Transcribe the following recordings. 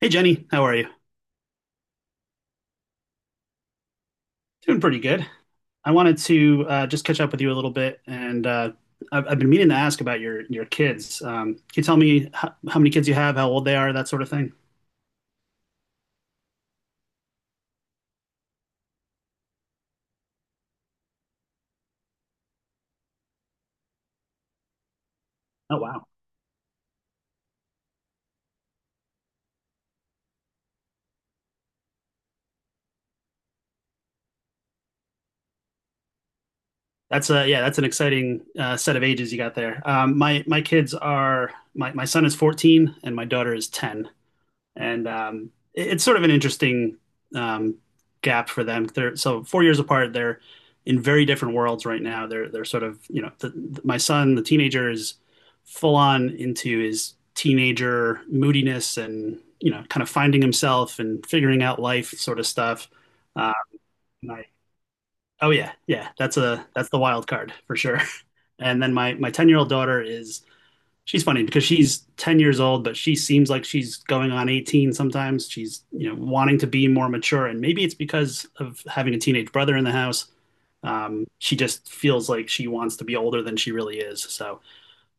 Hey, Jenny, how are you? Doing pretty good. I wanted to just catch up with you a little bit, and I've been meaning to ask about your kids. Can you tell me how many kids you have, how old they are, that sort of thing? Oh, wow. That's a Yeah, that's an exciting set of ages you got there. My son is 14 and my daughter is 10. It's sort of an interesting um, gap for them. They're so 4 years apart. They're in very different worlds right now. They're sort of my son, the teenager, is full on into his teenager moodiness and kind of finding himself and figuring out life sort of stuff. Uh, my Oh, yeah, yeah, that's the wild card for sure. And then my 10-year old daughter is she's funny because she's 10 years old, but she seems like she's going on 18 sometimes. She's wanting to be more mature, and maybe it's because of having a teenage brother in the house. She just feels like she wants to be older than she really is. So,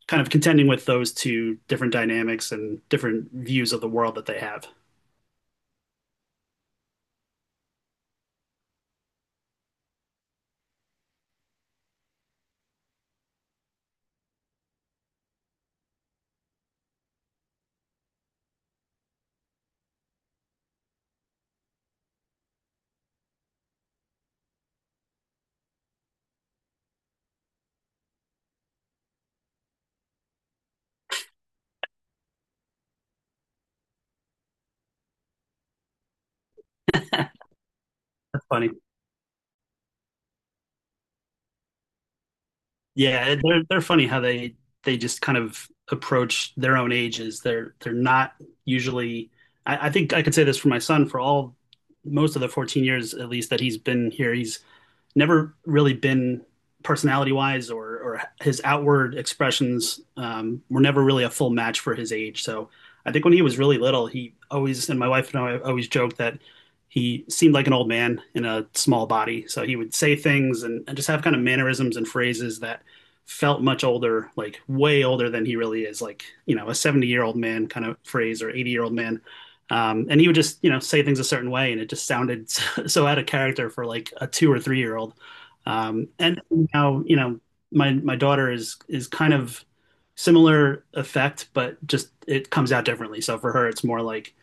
kind of contending with those two different dynamics and different views of the world that they have. That's funny. Yeah, they're funny how they just kind of approach their own ages. They're not usually. I think I could say this for my son for all most of the 14 years at least that he's been here. He's never really been personality wise or his outward expressions were never really a full match for his age. So I think when he was really little, and my wife and I always joked that he seemed like an old man in a small body. So he would say things and just have kind of mannerisms and phrases that felt much older, like way older than he really is, like, a 70-year-old man kind of phrase or 80-year-old man and he would just, say things a certain way, and it just sounded so out of character for like a 2 or 3 year old. And now, my daughter is kind of similar effect, but just it comes out differently. So for her, it's more like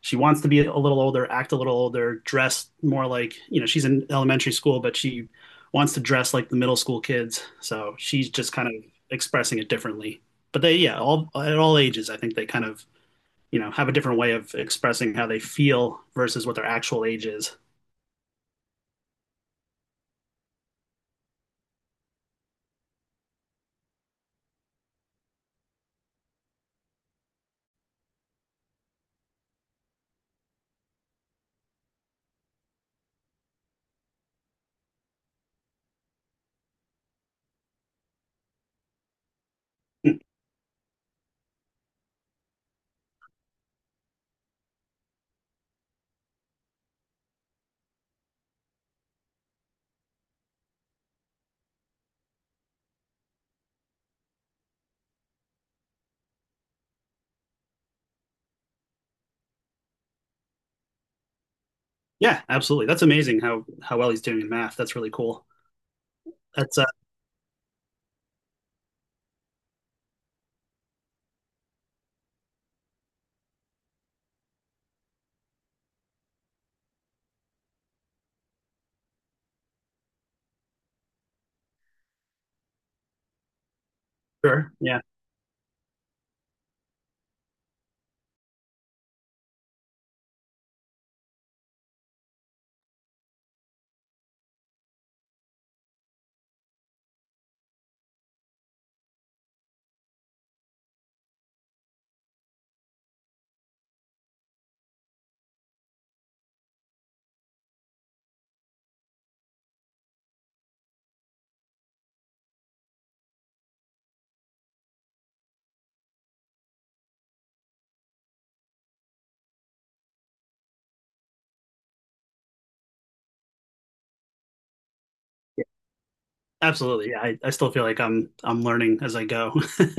she wants to be a little older, act a little older, dress more like, she's in elementary school, but she wants to dress like the middle school kids. So she's just kind of expressing it differently. But they, yeah, all ages, I think they kind of have a different way of expressing how they feel versus what their actual age is. Yeah, absolutely, that's amazing how well he's doing in math. That's really cool. that's Sure. Yeah. Absolutely. Yeah, I still feel like I'm learning as I go.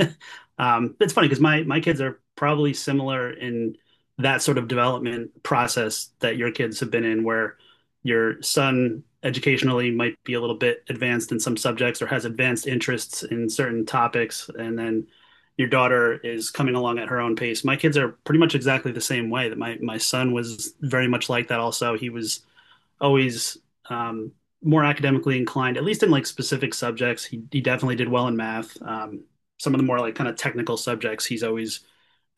It's funny because my kids are probably similar in that sort of development process that your kids have been in, where your son educationally might be a little bit advanced in some subjects or has advanced interests in certain topics, and then your daughter is coming along at her own pace. My kids are pretty much exactly the same way that my son was very much like that also. He was always um, more academically inclined, at least in like specific subjects. He definitely did well in math. Some of the more like kind of technical subjects, he's always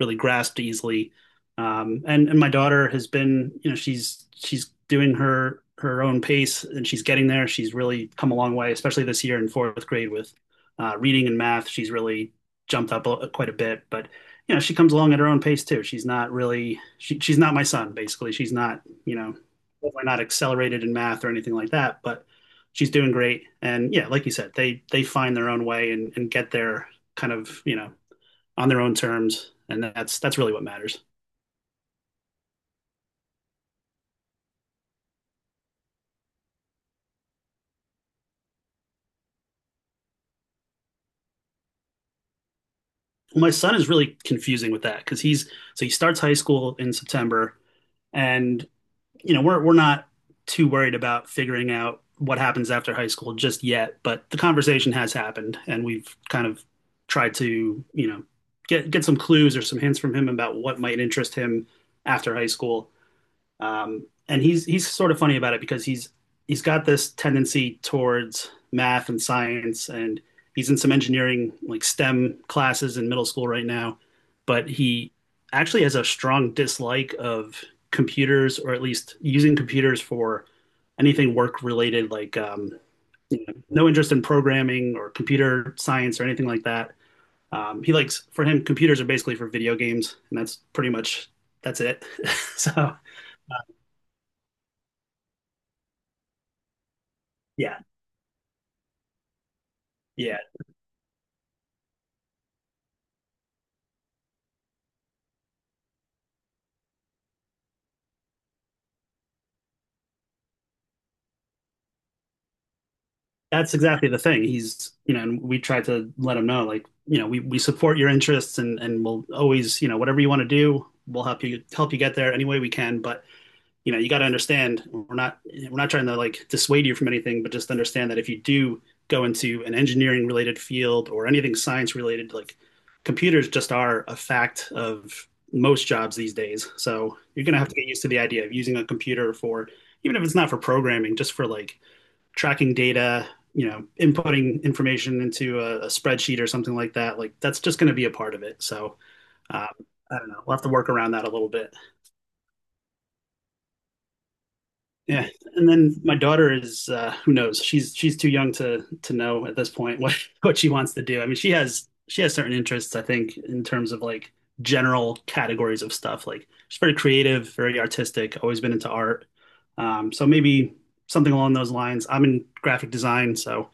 really grasped easily. And my daughter has been, you know, she's doing her own pace and she's getting there. She's really come a long way, especially this year in fourth grade with reading and math. She's really jumped up quite a bit, but she comes along at her own pace too. She's not really. She's not my son basically. She's not, you know, We're not accelerated in math or anything like that, but she's doing great. And yeah, like you said, they find their own way and get there kind of, on their own terms. And that's really what matters. Well, my son is really confusing with that because he starts high school in September and we're not too worried about figuring out what happens after high school just yet, but the conversation has happened, and we've kind of tried to, get some clues or some hints from him about what might interest him after high school. And he's sort of funny about it because he's got this tendency towards math and science, and he's in some engineering like STEM classes in middle school right now. But he actually has a strong dislike of computers, or at least using computers for anything work related, like no interest in programming or computer science or anything like that. He likes For him, computers are basically for video games, and that's pretty much that's it. So, yeah, yeah, that's exactly the thing. And we try to let him know, like, we support your interests and we'll always, whatever you want to do, we'll help you get there any way we can. But you got to understand we're not trying to like dissuade you from anything, but just understand that if you do go into an engineering related field or anything science related, like computers just are a fact of most jobs these days. So you're going to have to get used to the idea of using a computer for, even if it's not for programming, just for like tracking data, inputting information into a spreadsheet or something like that, like that's just going to be a part of it. So um, I don't know. We'll have to work around that a little bit. Yeah, and then my daughter is who knows? She's too young to know at this point what what she wants to do. I mean, she has certain interests. I think in terms of like general categories of stuff. Like she's very creative, very artistic. Always been into art. So maybe something along those lines. I'm in graphic design, so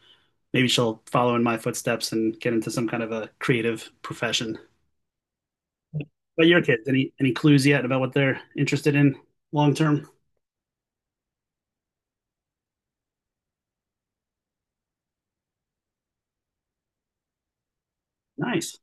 maybe she'll follow in my footsteps and get into some kind of a creative profession. But your kids, any clues yet about what they're interested in long term? Nice.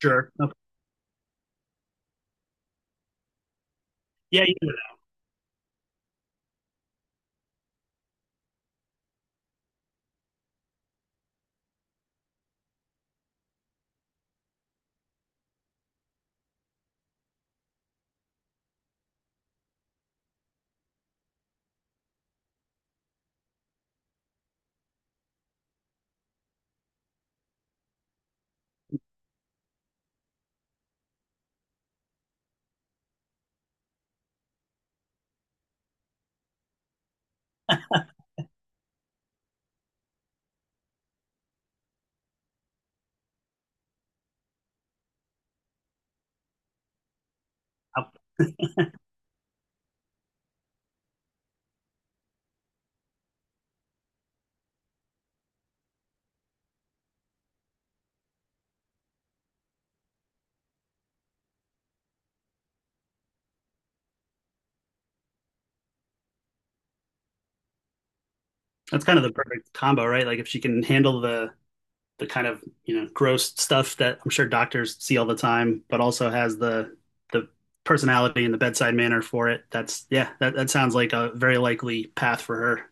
Sure. Okay. Yeah, you know that. That's kind of the perfect combo, right? Like if she can handle the kind of gross stuff that I'm sure doctors see all the time, but also has the personality and the bedside manner for it. That's Yeah, that sounds like a very likely path for her.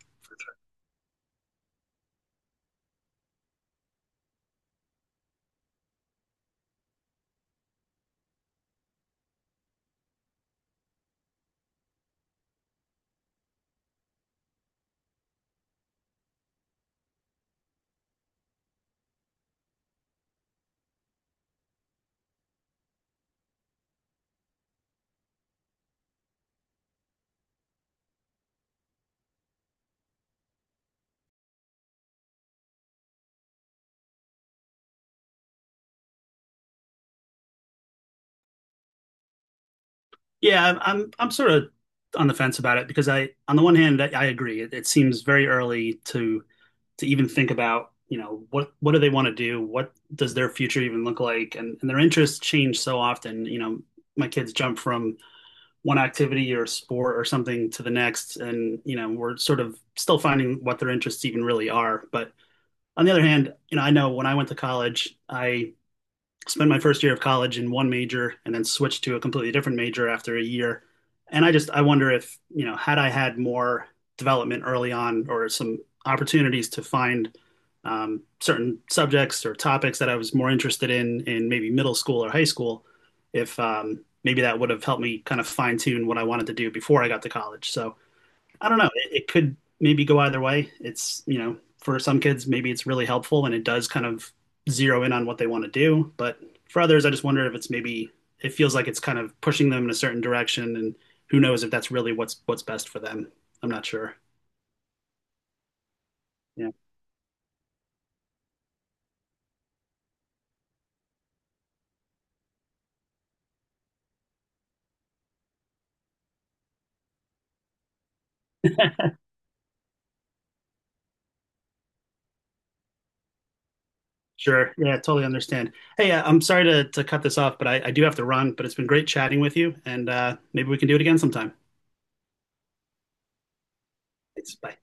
Yeah, I'm sort of on the fence about it because on the one hand, I agree. It seems very early to even think about, what do they want to do? What does their future even look like? And their interests change so often. My kids jump from one activity or sport or something to the next, and we're sort of still finding what their interests even really are. But on the other hand, I know when I went to college, I spent my first year of college in one major and then switched to a completely different major after a year. And I just I wonder if, had I had more development early on or some opportunities to find certain subjects or topics that I was more interested in maybe middle school or high school, if maybe that would have helped me kind of fine tune what I wanted to do before I got to college. So I don't know. It could maybe go either way. For some kids, maybe it's really helpful and it does kind of zero in on what they want to do. But for others, I just wonder if it feels like it's kind of pushing them in a certain direction. And who knows if that's really what's best for them. I'm not sure. Yeah, sure. Yeah, totally understand. Hey, I'm sorry to cut this off, but I do have to run, but it's been great chatting with you and maybe we can do it again sometime. Thanks. Bye.